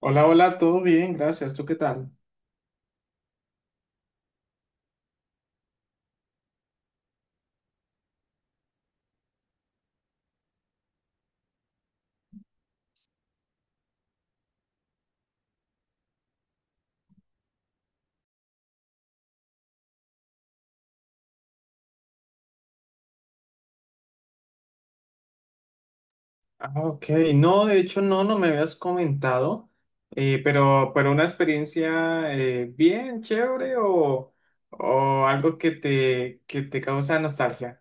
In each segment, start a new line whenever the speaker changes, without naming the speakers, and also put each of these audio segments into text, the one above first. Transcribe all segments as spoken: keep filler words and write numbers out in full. Hola, hola, todo bien, gracias. ¿Tú qué tal? Ah, ok. No, de hecho, no, no me habías comentado, eh, pero, pero una experiencia eh, bien chévere o, o algo que te, que te causa nostalgia.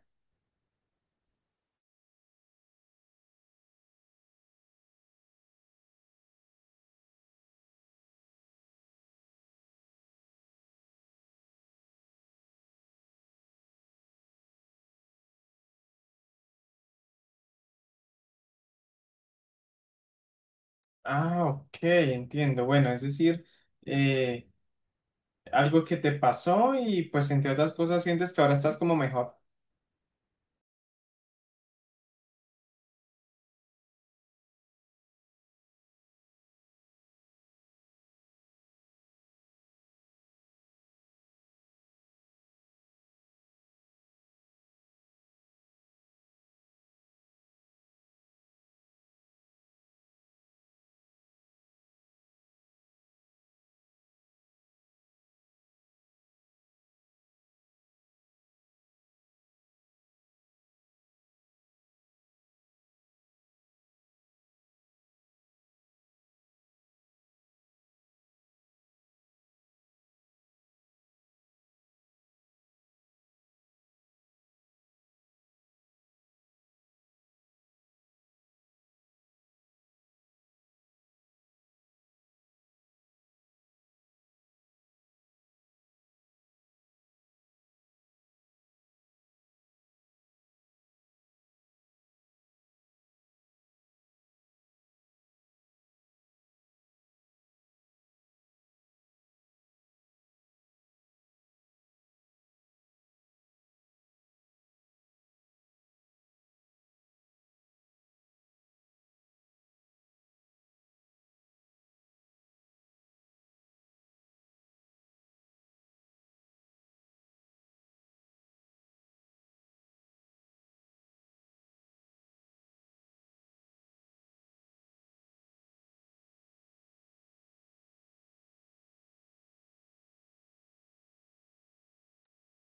Ah, ok, entiendo. Bueno, es decir, eh, algo que te pasó y pues entre otras cosas sientes que ahora estás como mejor.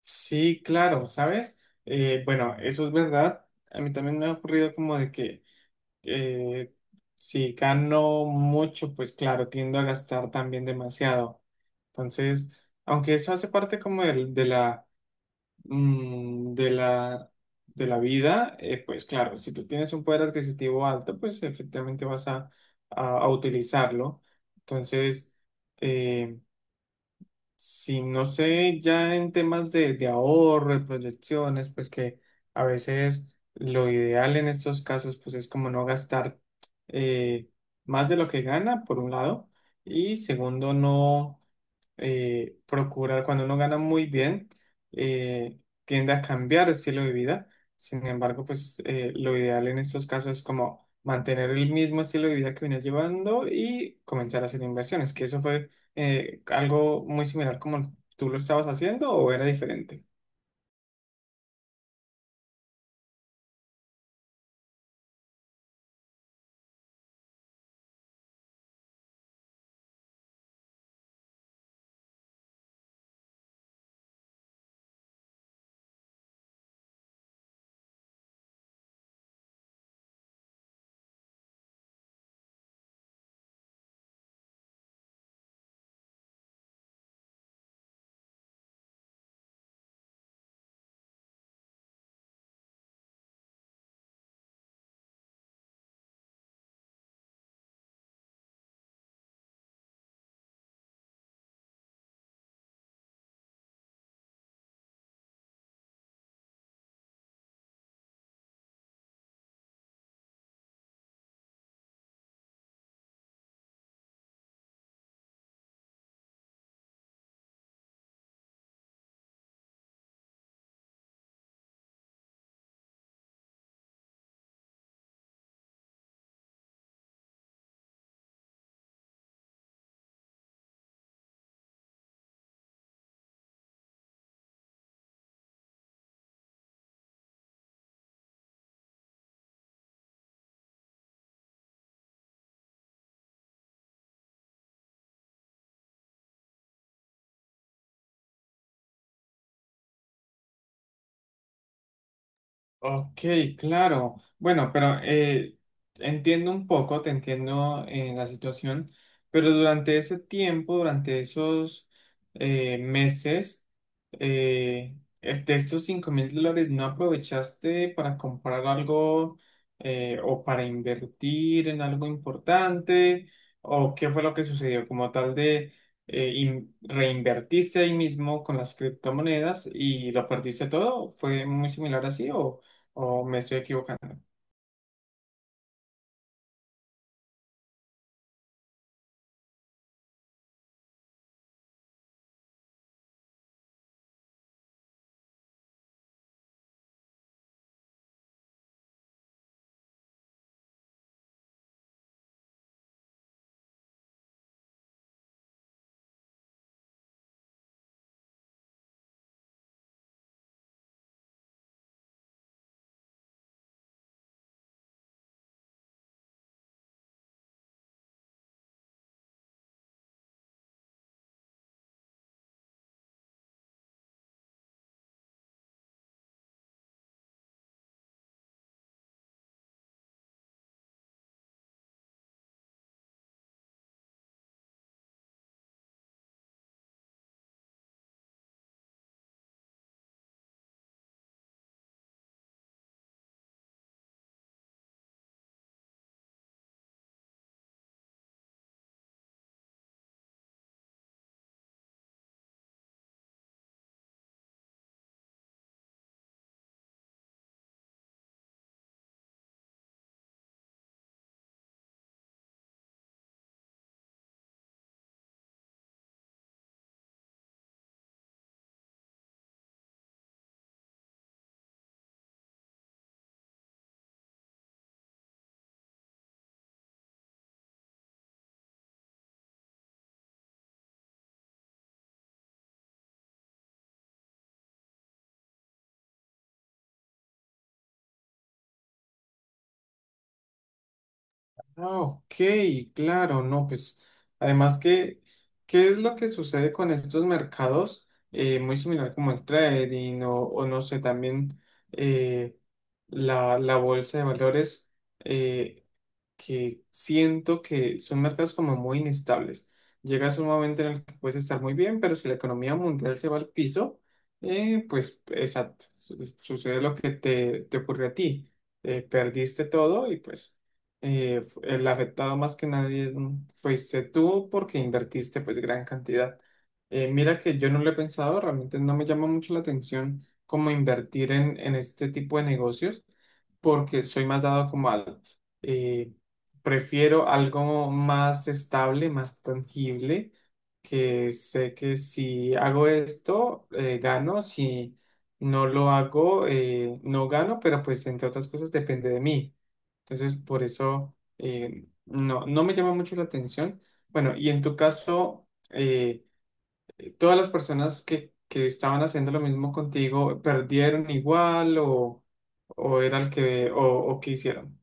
Sí, claro, ¿sabes? Eh, bueno, eso es verdad. A mí también me ha ocurrido como de que eh, si gano mucho, pues claro, tiendo a gastar también demasiado. Entonces, aunque eso hace parte como del- de, la, mm, de la, de la vida, eh, pues claro, si tú tienes un poder adquisitivo alto, pues efectivamente vas a, a- a utilizarlo. Entonces, eh, si no sé, ya en temas de, de ahorro, de proyecciones, pues que a veces lo ideal en estos casos, pues es como no gastar eh, más de lo que gana, por un lado, y segundo, no eh, procurar, cuando uno gana muy bien, eh, tiende a cambiar el estilo de vida. Sin embargo, pues eh, lo ideal en estos casos es como mantener el mismo estilo de vida que venía llevando y comenzar a hacer inversiones, que eso fue eh, algo muy similar como tú lo estabas haciendo o era diferente. Ok, claro. Bueno, pero eh, entiendo un poco, te entiendo en la situación, pero durante ese tiempo, durante esos eh, meses, eh, este, estos cinco mil dólares no aprovechaste para comprar algo eh, o para invertir en algo importante, o qué fue lo que sucedió como tal de eh, in- reinvertiste ahí mismo con las criptomonedas y lo perdiste todo. ¿Fue muy similar así o? Oh, me estoy equivocando. Ah, ok, claro, no, pues además que, ¿qué es lo que sucede con estos mercados? Eh, muy similar como el trading o, o no sé, también eh, la, la bolsa de valores. eh, que siento que son mercados como muy inestables. Llegas a un momento en el que puedes estar muy bien, pero si la economía mundial se va al piso, eh, pues exacto, su- sucede lo que te, te ocurrió a ti. Eh, perdiste todo y pues eh, fu- el afectado más que nadie mm, fuiste tú porque invertiste pues gran cantidad. Eh, mira que yo no lo he pensado, realmente no me llama mucho la atención cómo invertir en, en este tipo de negocios porque soy más dado como al, eh, prefiero algo más estable, más tangible, que sé que si hago esto, eh, gano, si no lo hago, eh, no gano, pero pues entre otras cosas depende de mí. Entonces, por eso eh, no, no me llama mucho la atención. Bueno, y en tu caso, eh, ¿todas las personas que, que estaban haciendo lo mismo contigo perdieron igual o, o era el que, o, o qué hicieron?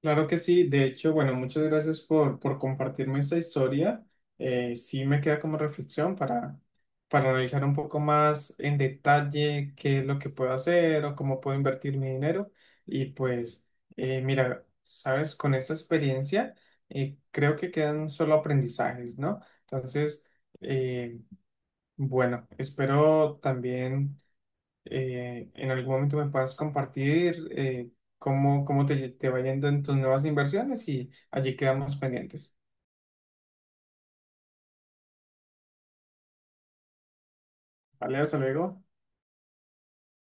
Claro que sí, de hecho, bueno, muchas gracias por, por compartirme esta historia. Eh, sí me queda como reflexión para, para analizar un poco más en detalle qué es lo que puedo hacer o cómo puedo invertir mi dinero. Y pues, eh, mira, sabes, con esta experiencia eh, creo que quedan solo aprendizajes, ¿no? Entonces, eh, bueno, espero también eh, en algún momento me puedas compartir eh, cómo, cómo te, te va yendo en tus nuevas inversiones y allí quedamos pendientes. Vale, hasta luego.